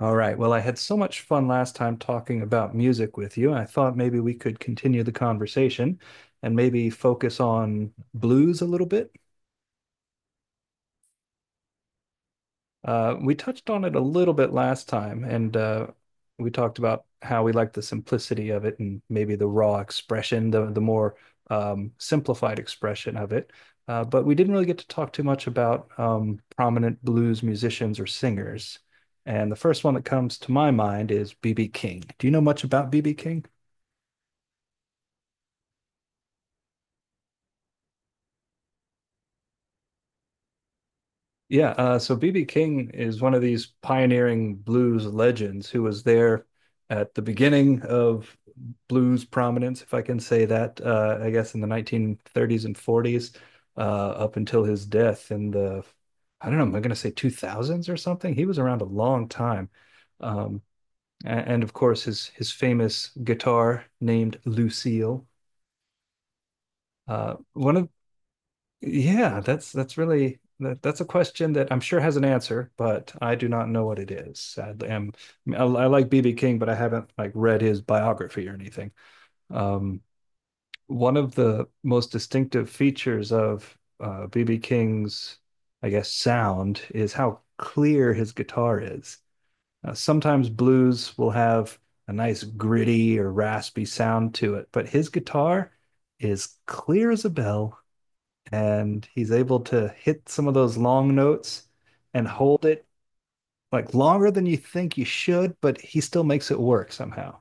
All right. Well, I had so much fun last time talking about music with you, and I thought maybe we could continue the conversation and maybe focus on blues a little bit. We touched on it a little bit last time, and we talked about how we like the simplicity of it and maybe the raw expression, the more simplified expression of it. But we didn't really get to talk too much about prominent blues musicians or singers. And the first one that comes to my mind is B.B. King. Do you know much about B.B. King? Yeah, so B.B. King is one of these pioneering blues legends who was there at the beginning of blues prominence, if I can say that, I guess in the 1930s and 40s, up until his death in the, I don't know, am I going to say 2000s or something? He was around a long time. Um, and, of course, his famous guitar named Lucille. One of Yeah, that's really that's a question that I'm sure has an answer, but I do not know what it is. Sadly, I like B.B. King, but I haven't like read his biography or anything. Um, One of the most distinctive features of B.B. King's, I guess, sound is how clear his guitar is. Sometimes blues will have a nice gritty or raspy sound to it, but his guitar is clear as a bell, and he's able to hit some of those long notes and hold it like longer than you think you should, but he still makes it work somehow.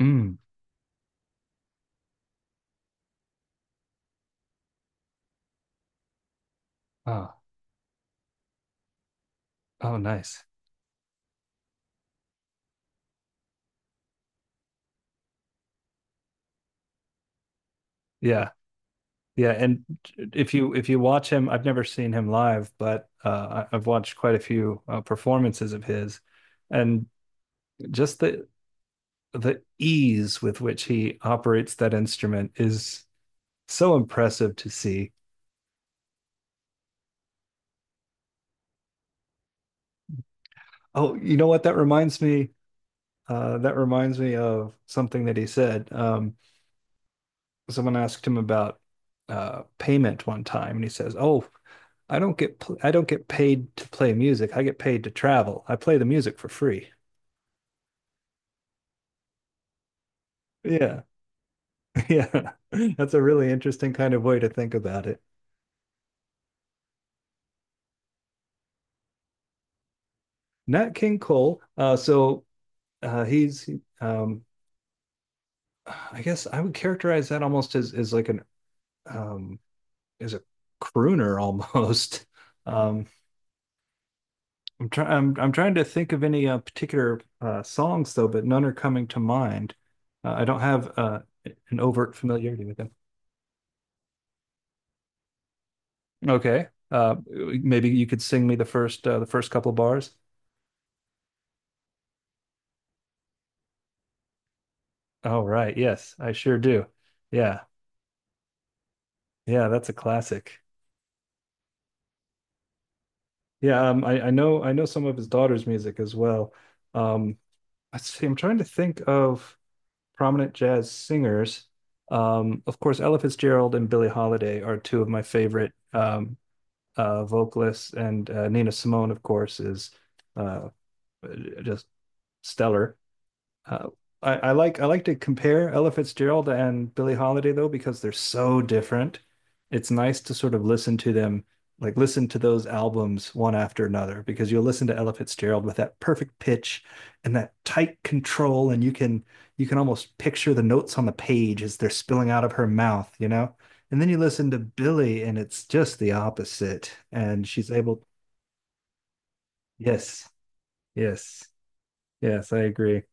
Mm. Oh, oh, nice. Yeah. Yeah, and if you watch him, I've never seen him live, but have watched quite a few performances of his, and just the ease with which he operates that instrument is so impressive to see. Oh, you know what? That reminds me. That reminds me of something that he said. Someone asked him about payment one time, and he says, "Oh, I don't get paid to play music. I get paid to travel. I play the music for free." Yeah, yeah, that's a really interesting kind of way to think about it. Nat King Cole. Uh, he's, um, I guess I would characterize that almost as like an um, as a crooner almost. Um, I'm trying. I'm trying to think of any particular songs though, but none are coming to mind. I don't have an overt familiarity with them. Okay. Maybe you could sing me the first the first couple bars. Oh, right. Yes, I sure do. Yeah. Yeah, that's a classic. Yeah, I know some of his daughter's music as well. Um, let's see, I'm trying to think of prominent jazz singers. Of course, Ella Fitzgerald and Billie Holiday are two of my favorite vocalists, and Nina Simone, of course, is uh, just stellar. Uh, I like to compare Ella Fitzgerald and Billie Holiday though because they're so different. It's nice to sort of listen to them, like listen to those albums one after another, because you'll listen to Ella Fitzgerald with that perfect pitch and that tight control, and you can almost picture the notes on the page as they're spilling out of her mouth, you know? And then you listen to Billie and it's just the opposite. And she's able, yes, yes, yes, I agree.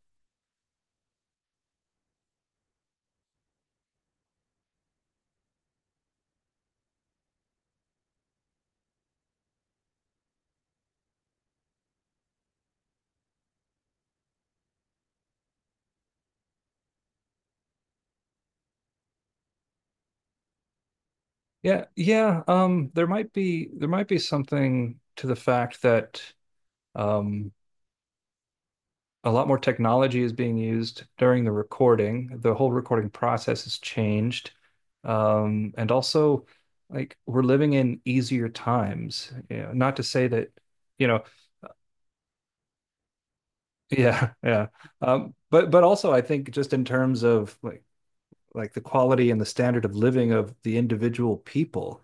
Yeah, yeah. There might be something to the fact that um, a lot more technology is being used during the recording. The whole recording process has changed, and also like we're living in easier times. You know, not to say that, you know, yeah, yeah. But also I think just in terms of like the quality and the standard of living of the individual people.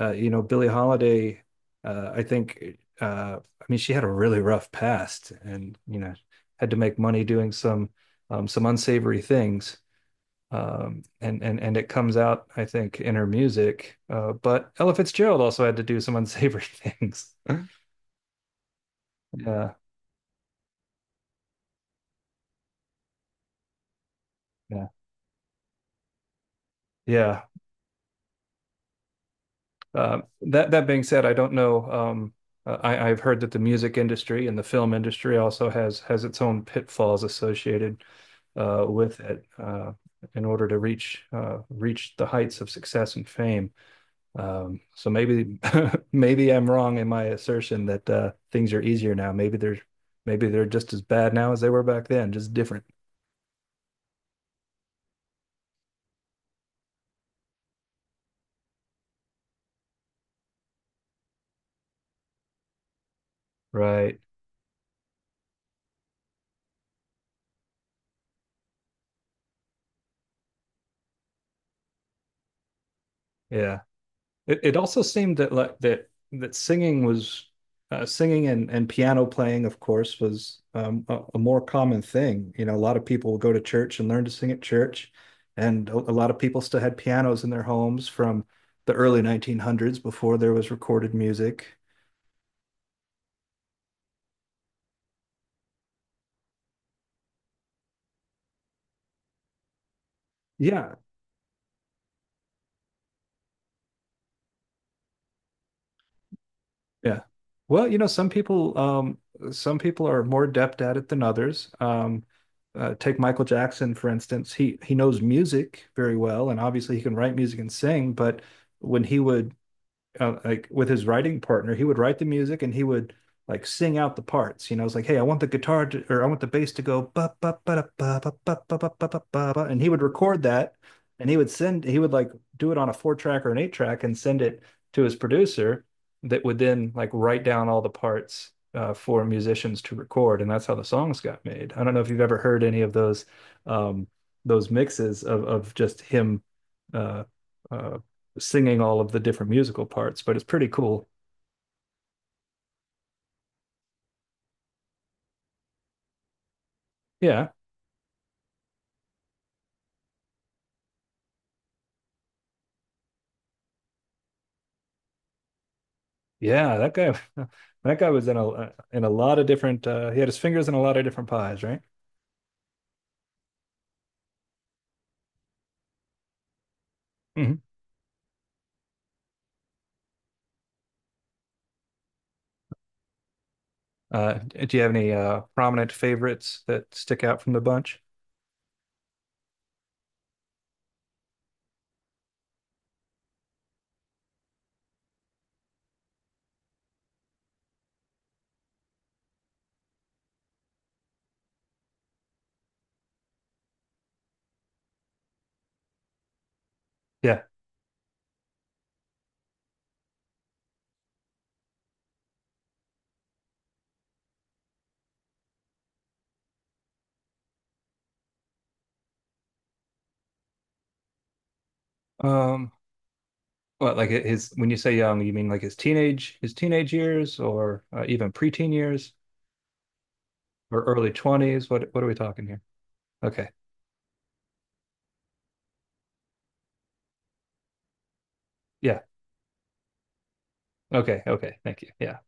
Billie Holiday, I think, I mean, she had a really rough past, and had to make money doing some unsavory things. And it comes out, I think, in her music. But Ella Fitzgerald also had to do some unsavory things. Yeah, yeah, yeah. That being said, I don't know. I've heard that the music industry and the film industry also has its own pitfalls associated with it in order to reach the heights of success and fame. So maybe maybe I'm wrong in my assertion that things are easier now. Maybe they're just as bad now as they were back then, just different. Right. Yeah. It also seemed that like that singing was singing and piano playing, of course, was a more common thing. You know, a lot of people will go to church and learn to sing at church, and a lot of people still had pianos in their homes from the early 1900s before there was recorded music. Yeah. Yeah. Well, you know, some people are more adept at it than others. Take Michael Jackson, for instance. He knows music very well, and obviously he can write music and sing, but when he would like with his writing partner, he would write the music and he would like sing out the parts. You know, it's like, hey, I want the guitar to, or I want the bass to go ba ba ba ba ba ba ba ba ba ba ba ba, and he would record that, and he would like do it on a four track or an eight track and send it to his producer that would then like write down all the parts. For musicians to record, and that's how the songs got made. I don't know if you've ever heard any of um, those mixes of just him uh, uh, singing all of the different musical parts, but it's pretty cool. Yeah, yeah, that guy, that guy was in a lot of different. He had his fingers in a lot of different pies, right? Mhm. Do you have any prominent favorites that stick out from the bunch? Yeah. Um, what like his when you say young, you mean like his teenage years, or even preteen years, or early 20s? What are we talking here? Okay. Yeah. Okay. Okay. Thank you. Yeah.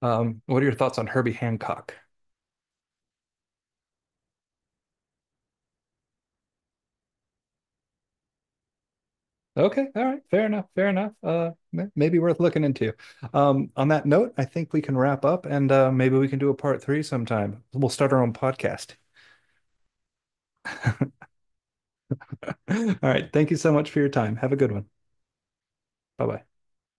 What are your thoughts on Herbie Hancock? Okay, all right, fair enough, fair enough. Maybe worth looking into. On that note, I think we can wrap up, and maybe we can do a part three sometime. We'll start our own podcast. All right, thank you so much for your time. Have a good one. Bye bye.